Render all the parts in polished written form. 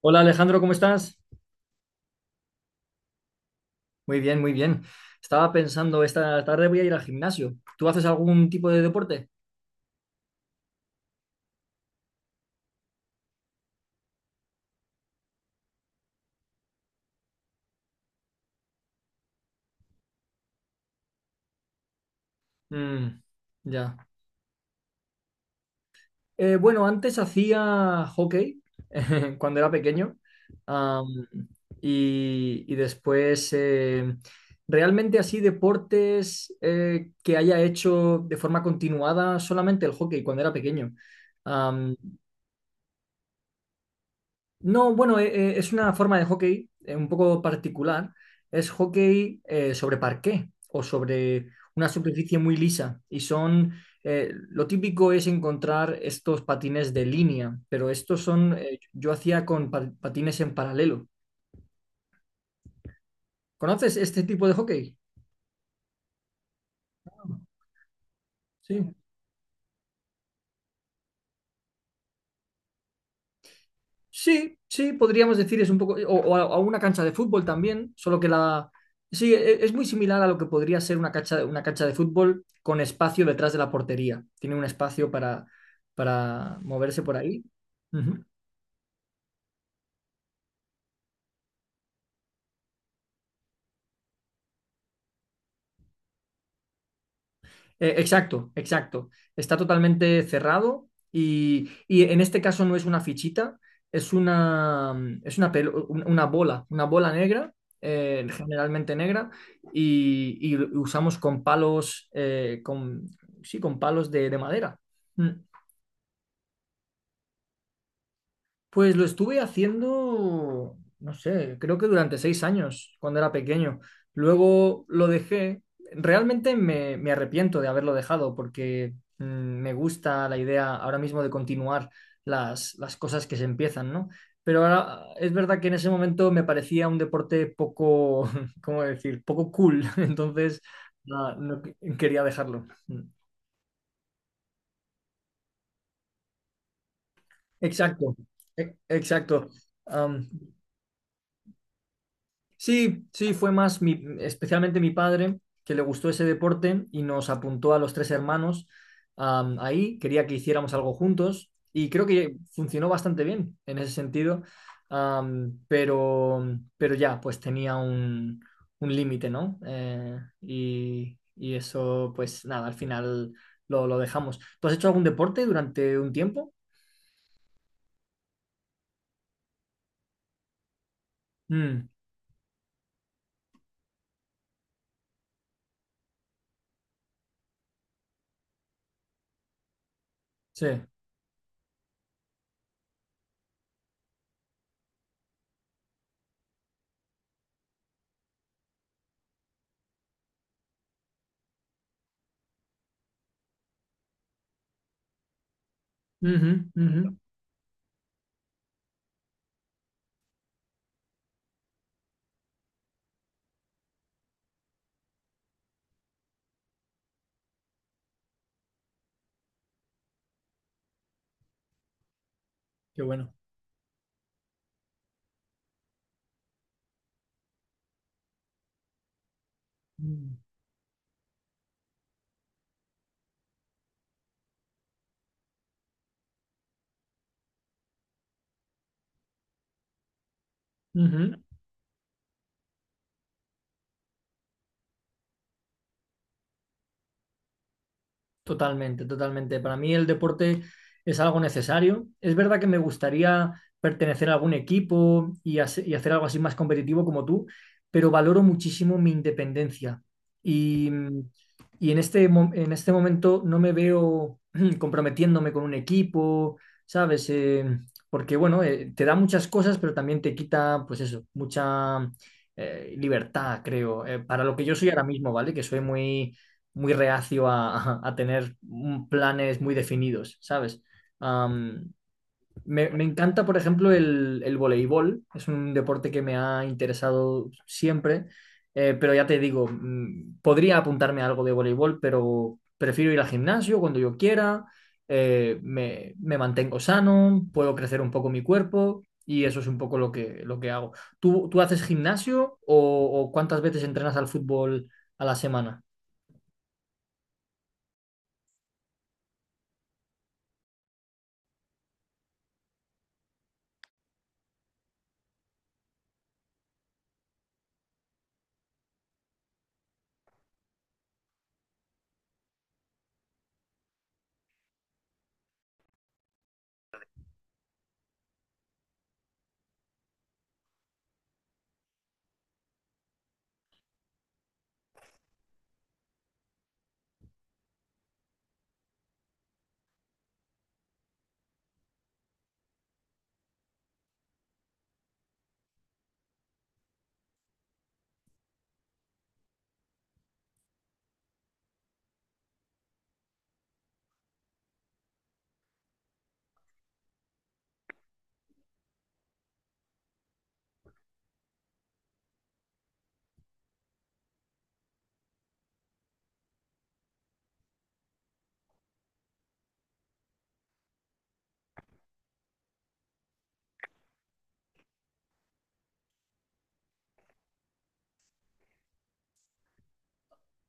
Hola Alejandro, ¿cómo estás? Muy bien, muy bien. Estaba pensando, esta tarde voy a ir al gimnasio. ¿Tú haces algún tipo de deporte? Mm, ya. Bueno, antes hacía hockey cuando era pequeño. Am, y después, realmente así deportes que haya hecho de forma continuada solamente el hockey cuando era pequeño. Am, No, bueno, es una forma de hockey un poco particular. Es hockey sobre parqué o sobre una superficie muy lisa. Lo típico es encontrar estos patines de línea, pero estos son, yo hacía con patines en paralelo. ¿Conoces este tipo de hockey? Sí. Sí, sí, podríamos decir es un poco, o a una cancha de fútbol también, solo que la... Sí, es muy similar a lo que podría ser una cancha de fútbol con espacio detrás de la portería. Tiene un espacio para moverse por ahí. Ujú. Exacto, exacto. Está totalmente cerrado y en este caso no es una fichita, es una, es una, una bola negra, generalmente negra, y lo usamos con palos, sí, con palos de madera. Mm. Pues lo estuve haciendo, no sé, creo que durante seis años, cuando era pequeño. Luego lo dejé. Realmente me, me arrepiento de haberlo dejado porque me gusta la idea ahora mismo de continuar las cosas que se empiezan, ¿no? Pero ahora es verdad que en ese momento me parecía un deporte poco, ¿cómo decir? Poco cool. Entonces, no, no quería dejarlo. Mm. Exacto, exacto. Am, Sí, sí, fue más mi, especialmente mi padre que le gustó ese deporte y nos apuntó a los tres hermanos ahí. Quería que hiciéramos algo juntos y creo que funcionó bastante bien en ese sentido, am, pero, pero ya, pues tenía un límite, ¿no? Y eso, pues nada, al final lo dejamos. ¿Tú has hecho algún deporte durante un tiempo? Mm, sí. Ujú, ujú. Qué bueno. Mm, ujú. Totalmente, totalmente. Para mí el deporte es algo necesario. Es verdad que me gustaría pertenecer a algún equipo y, y hacer algo así más competitivo como tú, pero valoro muchísimo mi independencia. Y, y en este, en este momento no me veo comprometiéndome con un equipo, ¿sabes? Porque bueno, te da muchas cosas, pero también te quita, pues eso, mucha libertad, creo, para lo que yo soy ahora mismo, ¿vale? Que soy muy muy reacio a tener planes muy definidos, ¿sabes? Am, me, me encanta, por ejemplo, el voleibol. Es un deporte que me ha interesado siempre, pero ya te digo, podría apuntarme a algo de voleibol, pero prefiero ir al gimnasio cuando yo quiera, me, me mantengo sano, puedo crecer un poco mi cuerpo y eso es un poco lo que hago. ¿Tú, tú haces gimnasio o cuántas veces entrenas al fútbol a la semana?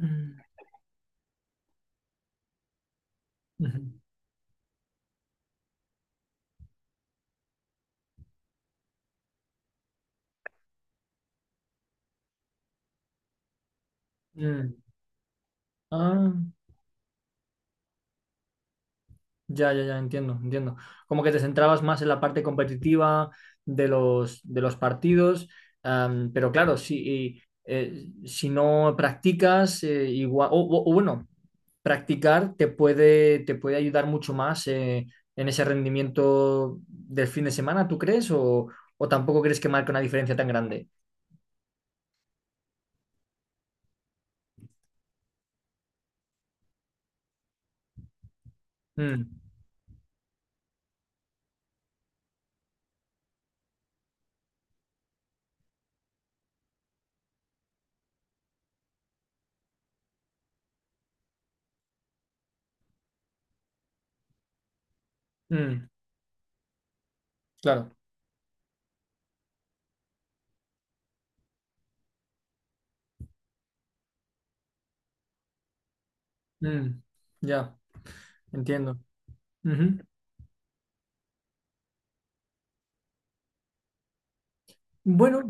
Mm. Ujú. Mm. Ah, ya, ya, ya, entiendo, entiendo. Como que te centrabas más en la parte competitiva de los partidos, pero claro, si, si no practicas, igual, o, o bueno, practicar te puede ayudar mucho más en ese rendimiento del fin de semana, ¿tú crees? O tampoco crees que marque una diferencia tan grande? Mm, mm, claro. Mm, ya, entiendo. Ujú. Bueno.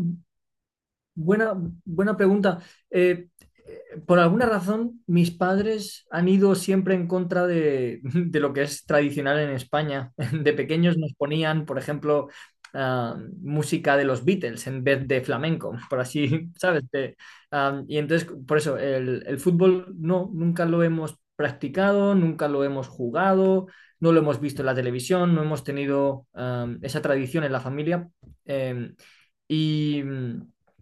Buena, buena pregunta. Eh, eh, por alguna razón, mis padres han ido siempre en contra de lo que es tradicional en España. De pequeños nos ponían, por ejemplo, música de los Beatles en vez de flamenco, por así, ¿sabes? Y entonces, por eso, el fútbol no, nunca lo hemos practicado, nunca lo hemos jugado, no lo hemos visto en la televisión, no hemos tenido esa tradición en la familia. Em, y.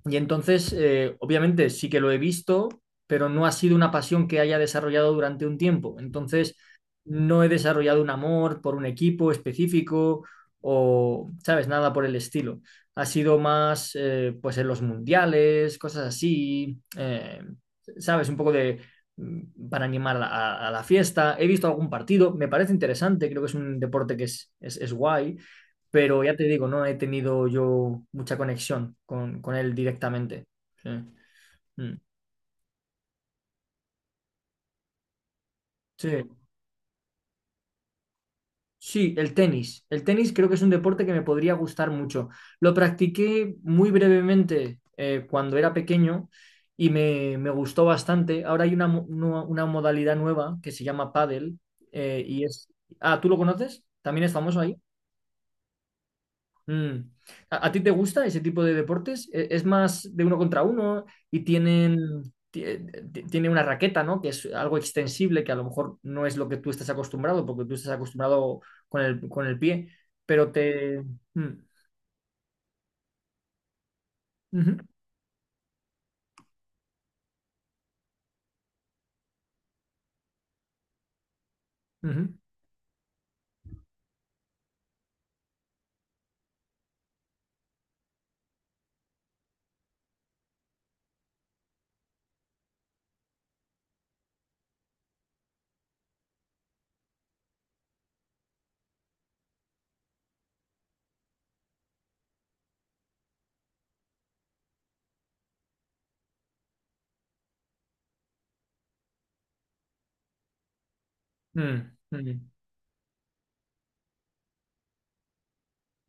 Y entonces, obviamente sí que lo he visto, pero no ha sido una pasión que haya desarrollado durante un tiempo. Entonces, no he desarrollado un amor por un equipo específico o, ¿sabes? Nada por el estilo. Ha sido más, pues, en los mundiales, cosas así, ¿sabes? Un poco de para animar a la fiesta. He visto algún partido, me parece interesante, creo que es un deporte que es guay, pero ya te digo, no he tenido yo mucha conexión con él directamente. Sí. Mm. Sí. Sí, el tenis. El tenis creo que es un deporte que me podría gustar mucho. Lo practiqué muy brevemente cuando era pequeño y me gustó bastante. Ahora hay una, una modalidad nueva que se llama pádel y es... Ah, ¿tú lo conoces? ¿También es famoso ahí? Mm. A ti te gusta ese tipo de deportes? ¿Es, más de uno contra uno y tienen, ti- tiene una raqueta, ¿no? Que es algo extensible, que a lo mejor no es lo que tú estás acostumbrado, porque tú estás acostumbrado con el pie, pero te... Mm. Ujú, ujú, mm, mm.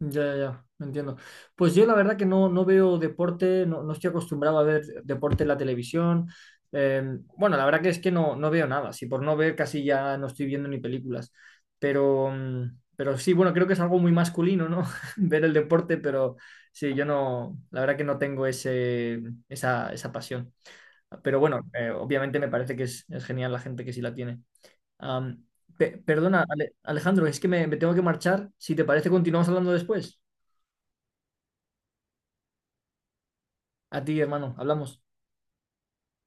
Ya, ya, ya, me entiendo. Pues yo la verdad que no, no veo deporte, no, no estoy acostumbrado a ver deporte en la televisión. Eh, bueno, la verdad que es que no, no veo nada. Si por no ver casi ya no estoy viendo ni películas. Pero, pero sí, bueno, creo que es algo muy masculino, ¿no? Ver el deporte, pero sí, yo no, la verdad que no tengo ese, esa pasión. Pero bueno, obviamente me parece que es genial la gente que sí la tiene. Am, perdona, Alejandro, es que me tengo que marchar. Si te parece, continuamos hablando después. A ti, hermano, hablamos.